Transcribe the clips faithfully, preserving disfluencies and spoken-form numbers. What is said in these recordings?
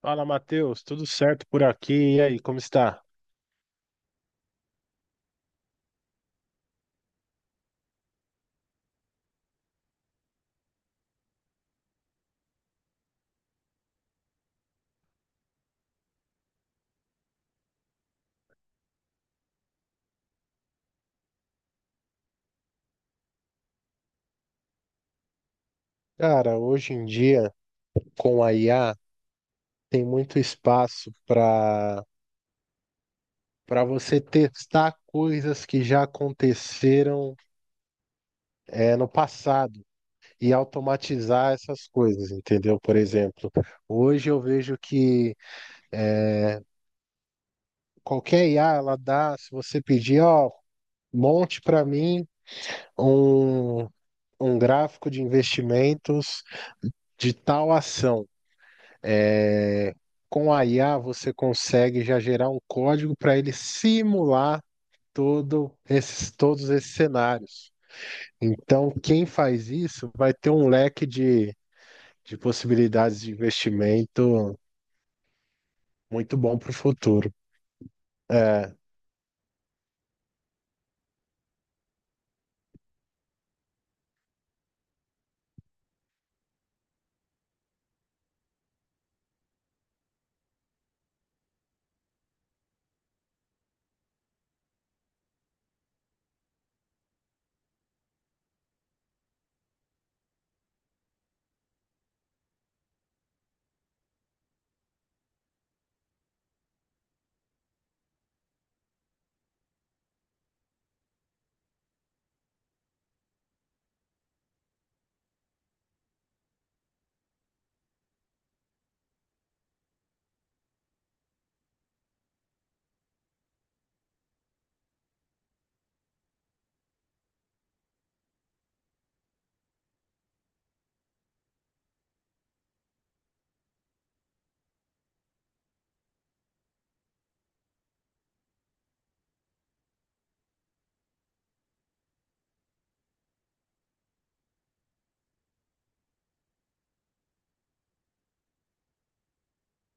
Fala, Matheus, tudo certo por aqui? E aí, como está? Cara, hoje em dia, com a I A, tem muito espaço para para você testar coisas que já aconteceram é, no passado e automatizar essas coisas, entendeu? Por exemplo, hoje eu vejo que é, qualquer I A, ela dá, se você pedir, ó, monte para mim um, um gráfico de investimentos de tal ação. É, com a I A você consegue já gerar um código para ele simular todo esses, todos esses cenários. Então, quem faz isso vai ter um leque de, de possibilidades de investimento muito bom para o futuro. É.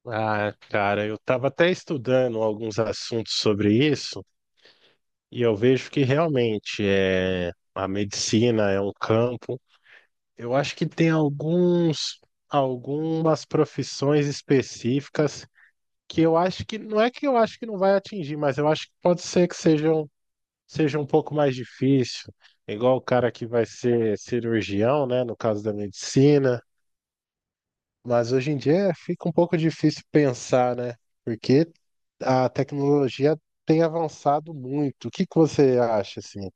Ah, cara, eu estava até estudando alguns assuntos sobre isso e eu vejo que realmente é, a medicina é um campo. Eu acho que tem alguns, algumas profissões específicas que eu acho que não é que eu acho que não vai atingir, mas eu acho que pode ser que sejam, seja um pouco mais difícil, igual o cara que vai ser cirurgião, né, no caso da medicina, mas hoje em dia fica um pouco difícil pensar, né? Porque a tecnologia tem avançado muito. O que que você acha assim?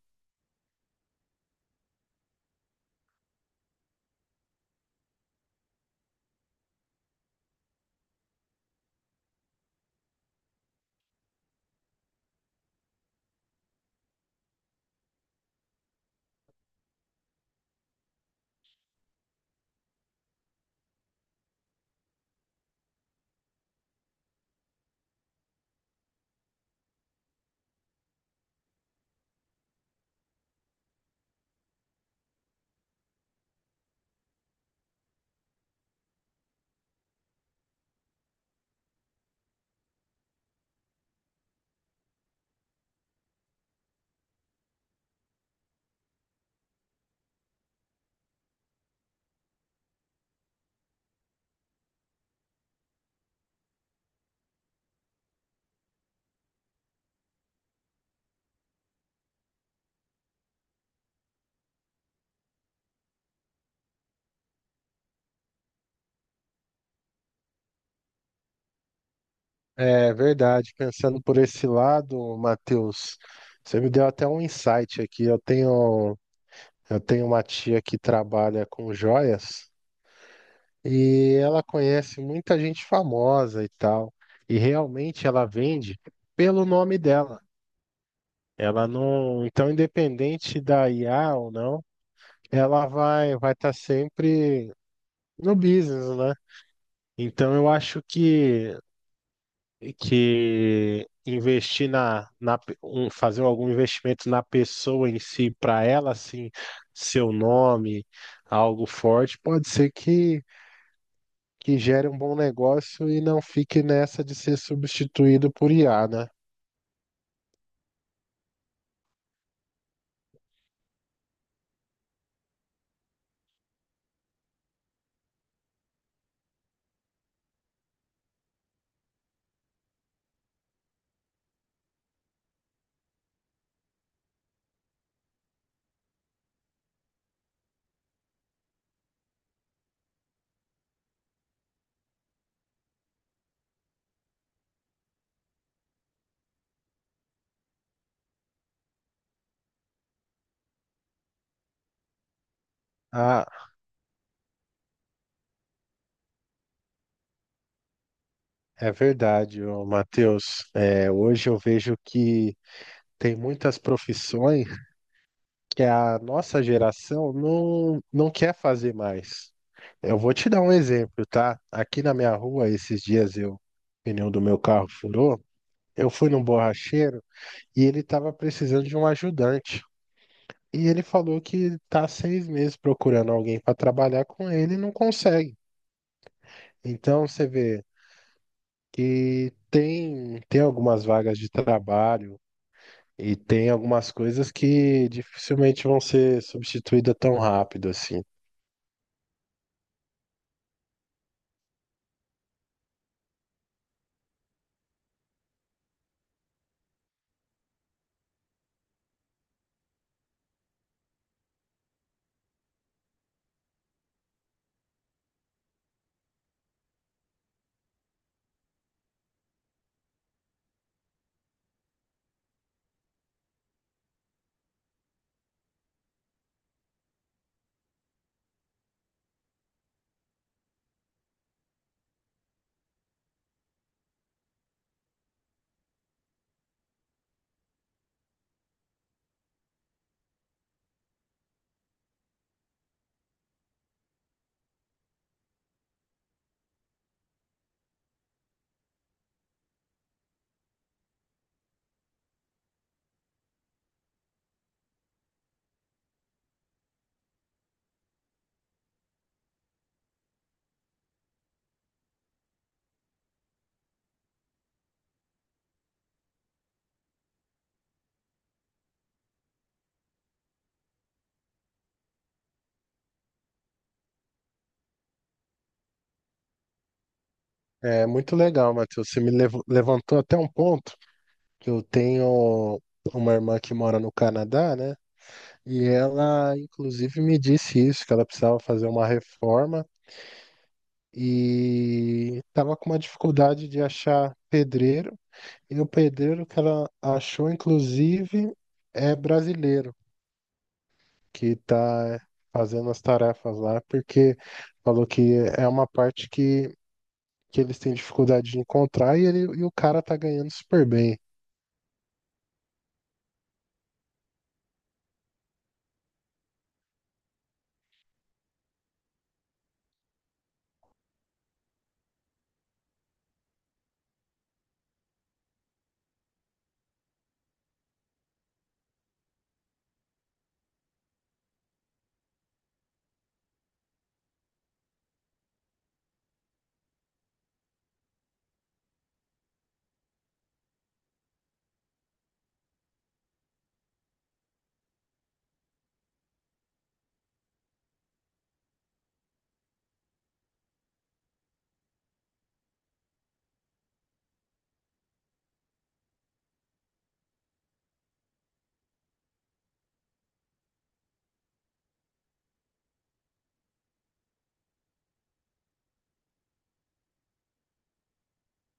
É verdade, pensando por esse lado, Matheus, você me deu até um insight aqui. Eu tenho, eu tenho uma tia que trabalha com joias e ela conhece muita gente famosa e tal. E realmente ela vende pelo nome dela. Ela não, então independente da I A ou não, ela vai vai estar sempre no business, né? Então eu acho que que investir na, na pe- um- fazer algum investimento na pessoa em si, para ela, assim, seu nome, algo forte, pode ser que, que gere um bom negócio e não fique nessa de ser substituído por I A, né? Ah, é verdade, ô, Matheus. É, hoje eu vejo que tem muitas profissões que a nossa geração não, não quer fazer mais. Eu vou te dar um exemplo, tá? Aqui na minha rua, esses dias eu, o pneu do meu carro furou, eu fui num borracheiro e ele estava precisando de um ajudante. E ele falou que tá há seis meses procurando alguém para trabalhar com ele e não consegue. Então você vê que tem, tem algumas vagas de trabalho e tem algumas coisas que dificilmente vão ser substituídas tão rápido assim. É muito legal, Matheus. Você me lev- levantou até um ponto. Eu tenho uma irmã que mora no Canadá, né? E ela, inclusive, me disse isso, que ela precisava fazer uma reforma e estava com uma dificuldade de achar pedreiro. E o pedreiro que ela achou, inclusive, é brasileiro, que está fazendo as tarefas lá, porque falou que é uma parte que, que eles têm dificuldade de encontrar e, ele, e o cara tá ganhando super bem.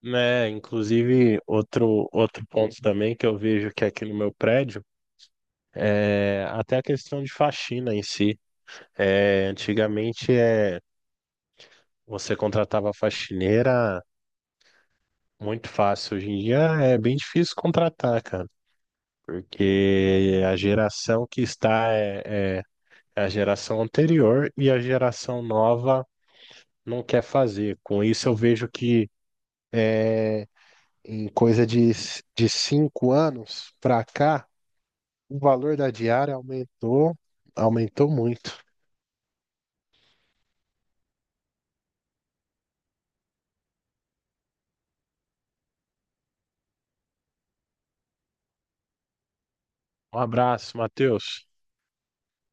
Né? Inclusive, outro, outro ponto também que eu vejo que é aqui no meu prédio, é até a questão de faxina em si. É, antigamente é, você contratava faxineira muito fácil, hoje em dia é bem difícil contratar, cara, porque a geração que está é, é é a geração anterior e a geração nova não quer fazer. Com isso, eu vejo que em coisa de, de cinco anos para cá, o valor da diária aumentou, aumentou muito. Um abraço, Matheus.